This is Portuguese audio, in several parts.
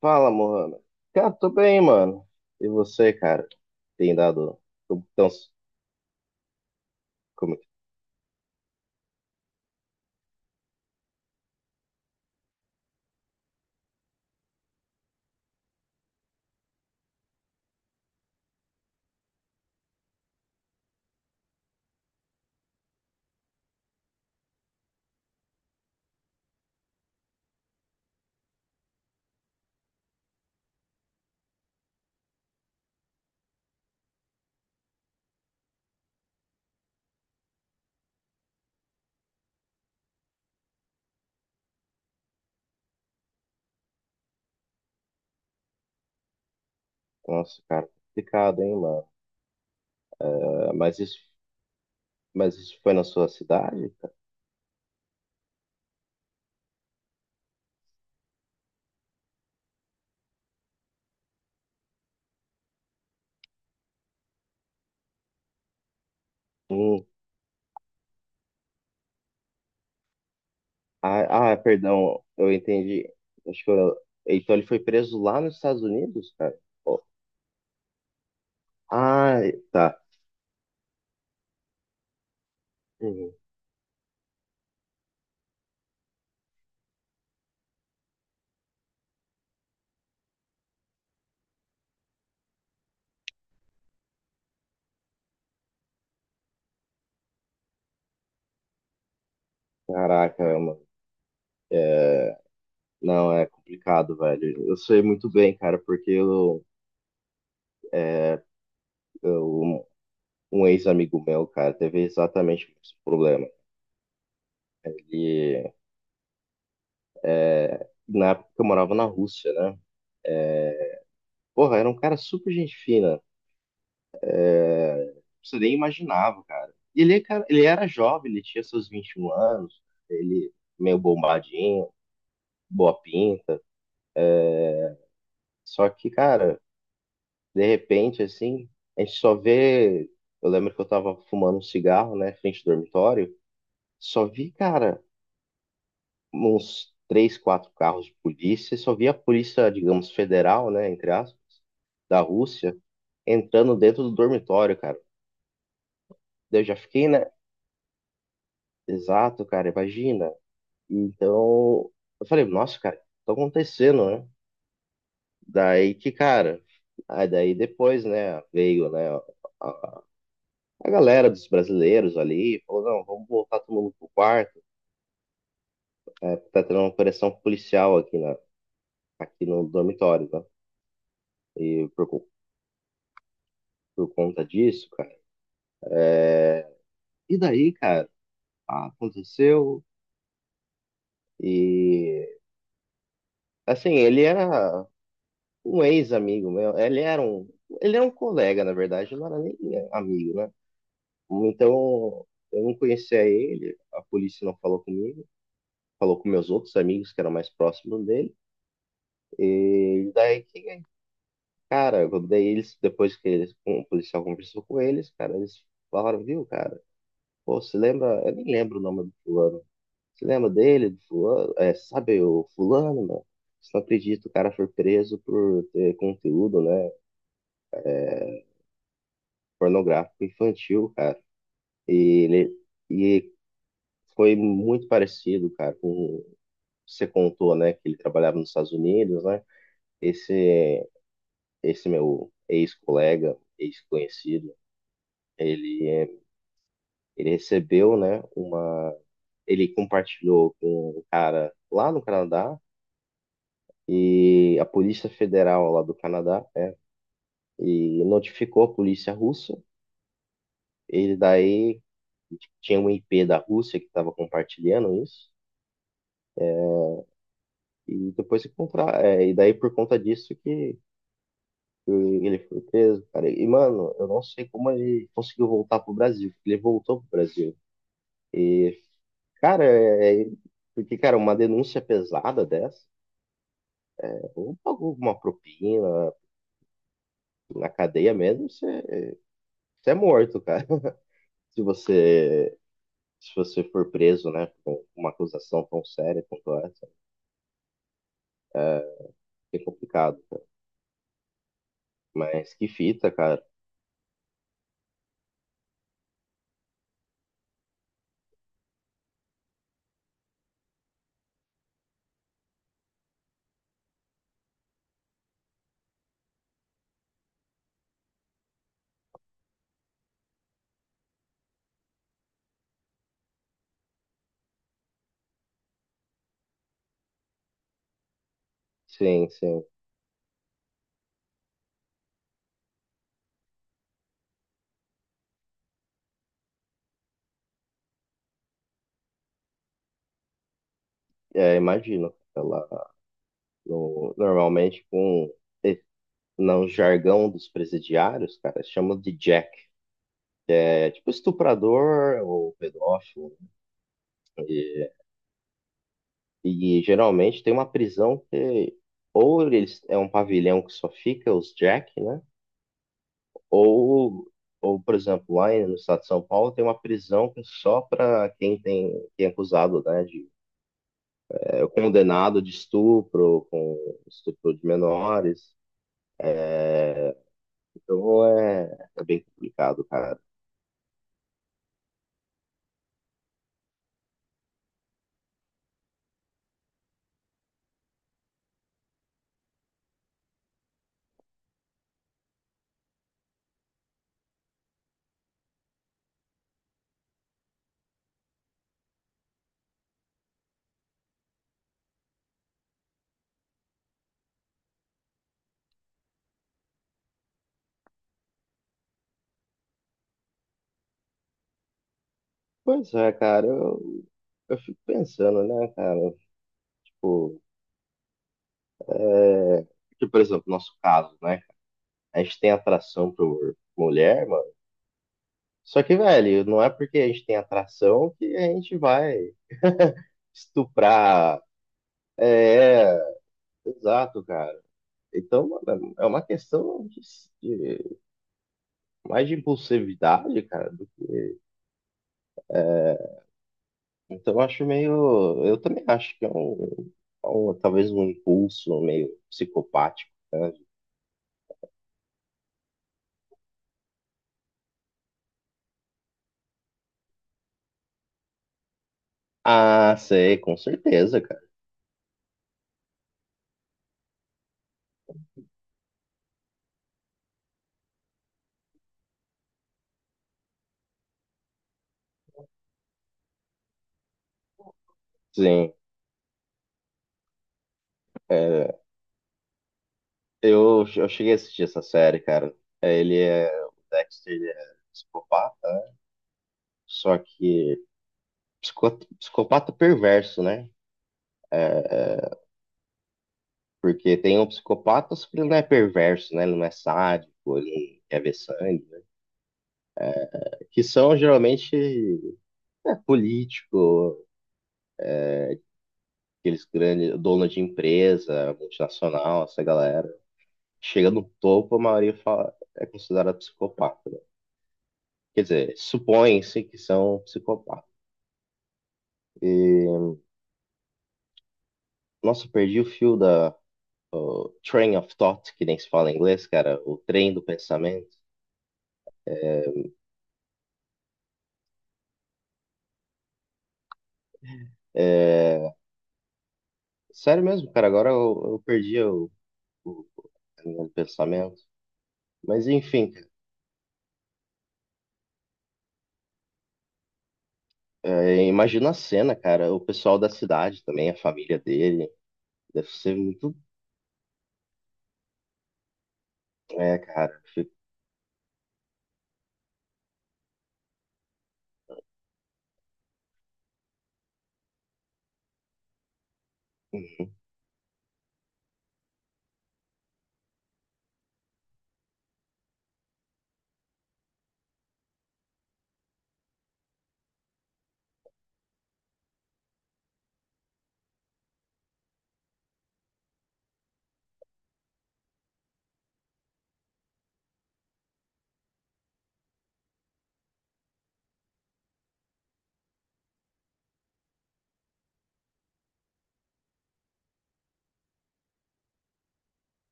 Fala, Mohamed. Cara, tô bem, mano. E você, cara? Tem dado. Como que tão... Como... é que- Nossa, cara, complicado, hein, mano? É, mas isso... Mas isso foi na sua cidade, cara? Hum. Ah, perdão, eu entendi. Acho que eu... Então ele foi preso lá nos Estados Unidos, cara? Oh. Ah, tá. Uhum. Caraca, mano. É, não, é complicado, velho. Eu sei muito bem, cara, porque eu. Um ex-amigo meu, cara, teve exatamente o mesmo problema. Ele, na época que eu morava na Rússia, né? Porra, era um cara super gente fina. Você nem imaginava, cara. E ele, é cara, ele era jovem, ele tinha seus 21 anos, ele meio bombadinho, boa pinta. Só que, cara, de repente, assim, a gente só vê. Eu lembro que eu tava fumando um cigarro, né, frente ao dormitório. Só vi, cara, uns três, quatro carros de polícia, só via a polícia, digamos, federal, né, entre aspas, da Rússia, entrando dentro do dormitório, cara. Daí eu já fiquei, né? Exato, cara, imagina. Então, eu falei, nossa, cara, o que tá acontecendo, né? Daí que, cara, aí daí depois, né, veio, né, a, a galera dos brasileiros ali, falou, não, vamos voltar todo mundo pro quarto, né, tá tendo uma operação policial aqui, na, aqui no dormitório, né? E por conta disso, cara. E daí, cara, ah, aconteceu. E assim, ele era um ex-amigo meu. Ele era um colega, na verdade, não era nem amigo, né? Então, eu não conhecia ele, a polícia não falou comigo, falou com meus outros amigos que eram mais próximos dele. E daí, cara, daí eles, depois que eles, o policial conversou com eles, cara, eles falaram, viu, cara? Pô, você lembra? Eu nem lembro o nome do fulano. Você lembra dele? Do fulano? É, sabe o fulano, mano? Você não acredita, o cara foi preso por ter conteúdo, né, pornográfico infantil, cara. E ele e foi muito parecido, cara, com você contou, né, que ele trabalhava nos Estados Unidos, né? Esse esse meu ex-colega, ex-conhecido, ele é, ele recebeu, né, uma ele compartilhou com um cara lá no Canadá e a Polícia Federal lá do Canadá e notificou a polícia russa. Ele daí tinha um IP da Rússia que estava compartilhando isso. E depois e daí por conta disso que ele foi preso, cara. E mano, eu não sei como ele conseguiu voltar pro Brasil, porque ele voltou pro Brasil. E cara, porque cara, uma denúncia pesada dessa, é, ou pagou uma propina na cadeia mesmo, você, você é morto, cara. Se você for preso, né, com uma acusação tão séria quanto essa. É complicado. Mas que fita, cara. Sim, sim. É, imagino. Ela, normalmente, com e- no jargão dos presidiários, cara, chamam de jack. É tipo estuprador ou pedófilo. E, e geralmente tem uma prisão que ou eles, é um pavilhão que só fica os jack, né? Ou, ou, por exemplo, lá no estado de São Paulo tem uma prisão que é só para quem tem, quem é acusado, né, de é condenado de estupro, com estupro de menores. Então é, é bem complicado, cara. Pois é, cara, eu fico pensando, né, cara? Eu fico-. Porque, por exemplo, nosso caso, né? A gente tem atração por mulher, mano. Só que, velho, não é porque a gente tem atração que a gente vai estuprar. É, é, exato, cara. Então, mano, é uma questão de, de- mais de impulsividade, cara. Então eu acho meio. Eu também acho que é um, talvez um impulso meio psicopático. Ah, sei, com certeza, cara. Sim. É, eu cheguei a assistir essa série, cara. É, ele é. O Dexter, ele é psicopata, né? Só que psicopata perverso, né? Porque tem um psicopata, só que ele não é perverso, né? Ele não é sádico, ele não quer ver sangue, né? Que são geralmente é, político. Aqueles grandes dono de empresa, multinacional, essa galera, chega no topo, a maioria fala, é considerada psicopata. Né? Quer dizer, supõe-se que são psicopatas. E, nossa, eu perdi o fio da train of thought, que nem se fala em inglês, cara, o trem do pensamento. É, sério mesmo, cara, agora eu perdi o, a linha do pensamento. Mas enfim, cara, é, imagina a cena, cara, o pessoal da cidade também, a família dele, deve ser muito, é, cara, fico-. Hum.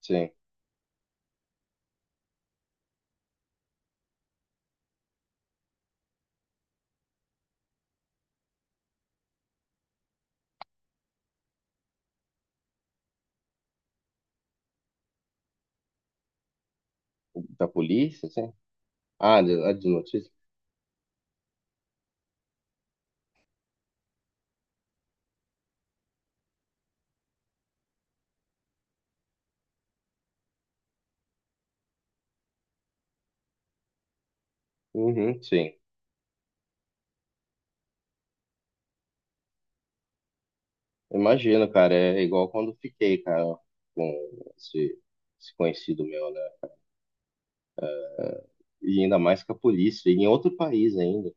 Sim. Da polícia, sim. Ah, de, a de notícia? Uhum, sim. Imagino, cara. É igual quando fiquei, cara, com esse, esse conhecido meu, né? E ainda mais com a polícia, e em outro país ainda.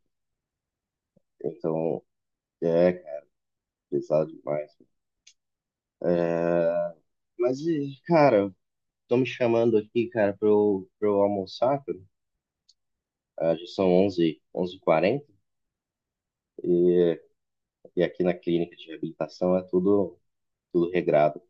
Então, é, cara, pesado demais. É, mas, e, cara, estão me chamando aqui, cara, pra eu almoçar, cara. Ah, já são onze h 40 e, e aqui na clínica de reabilitação é tudo, tudo regrado.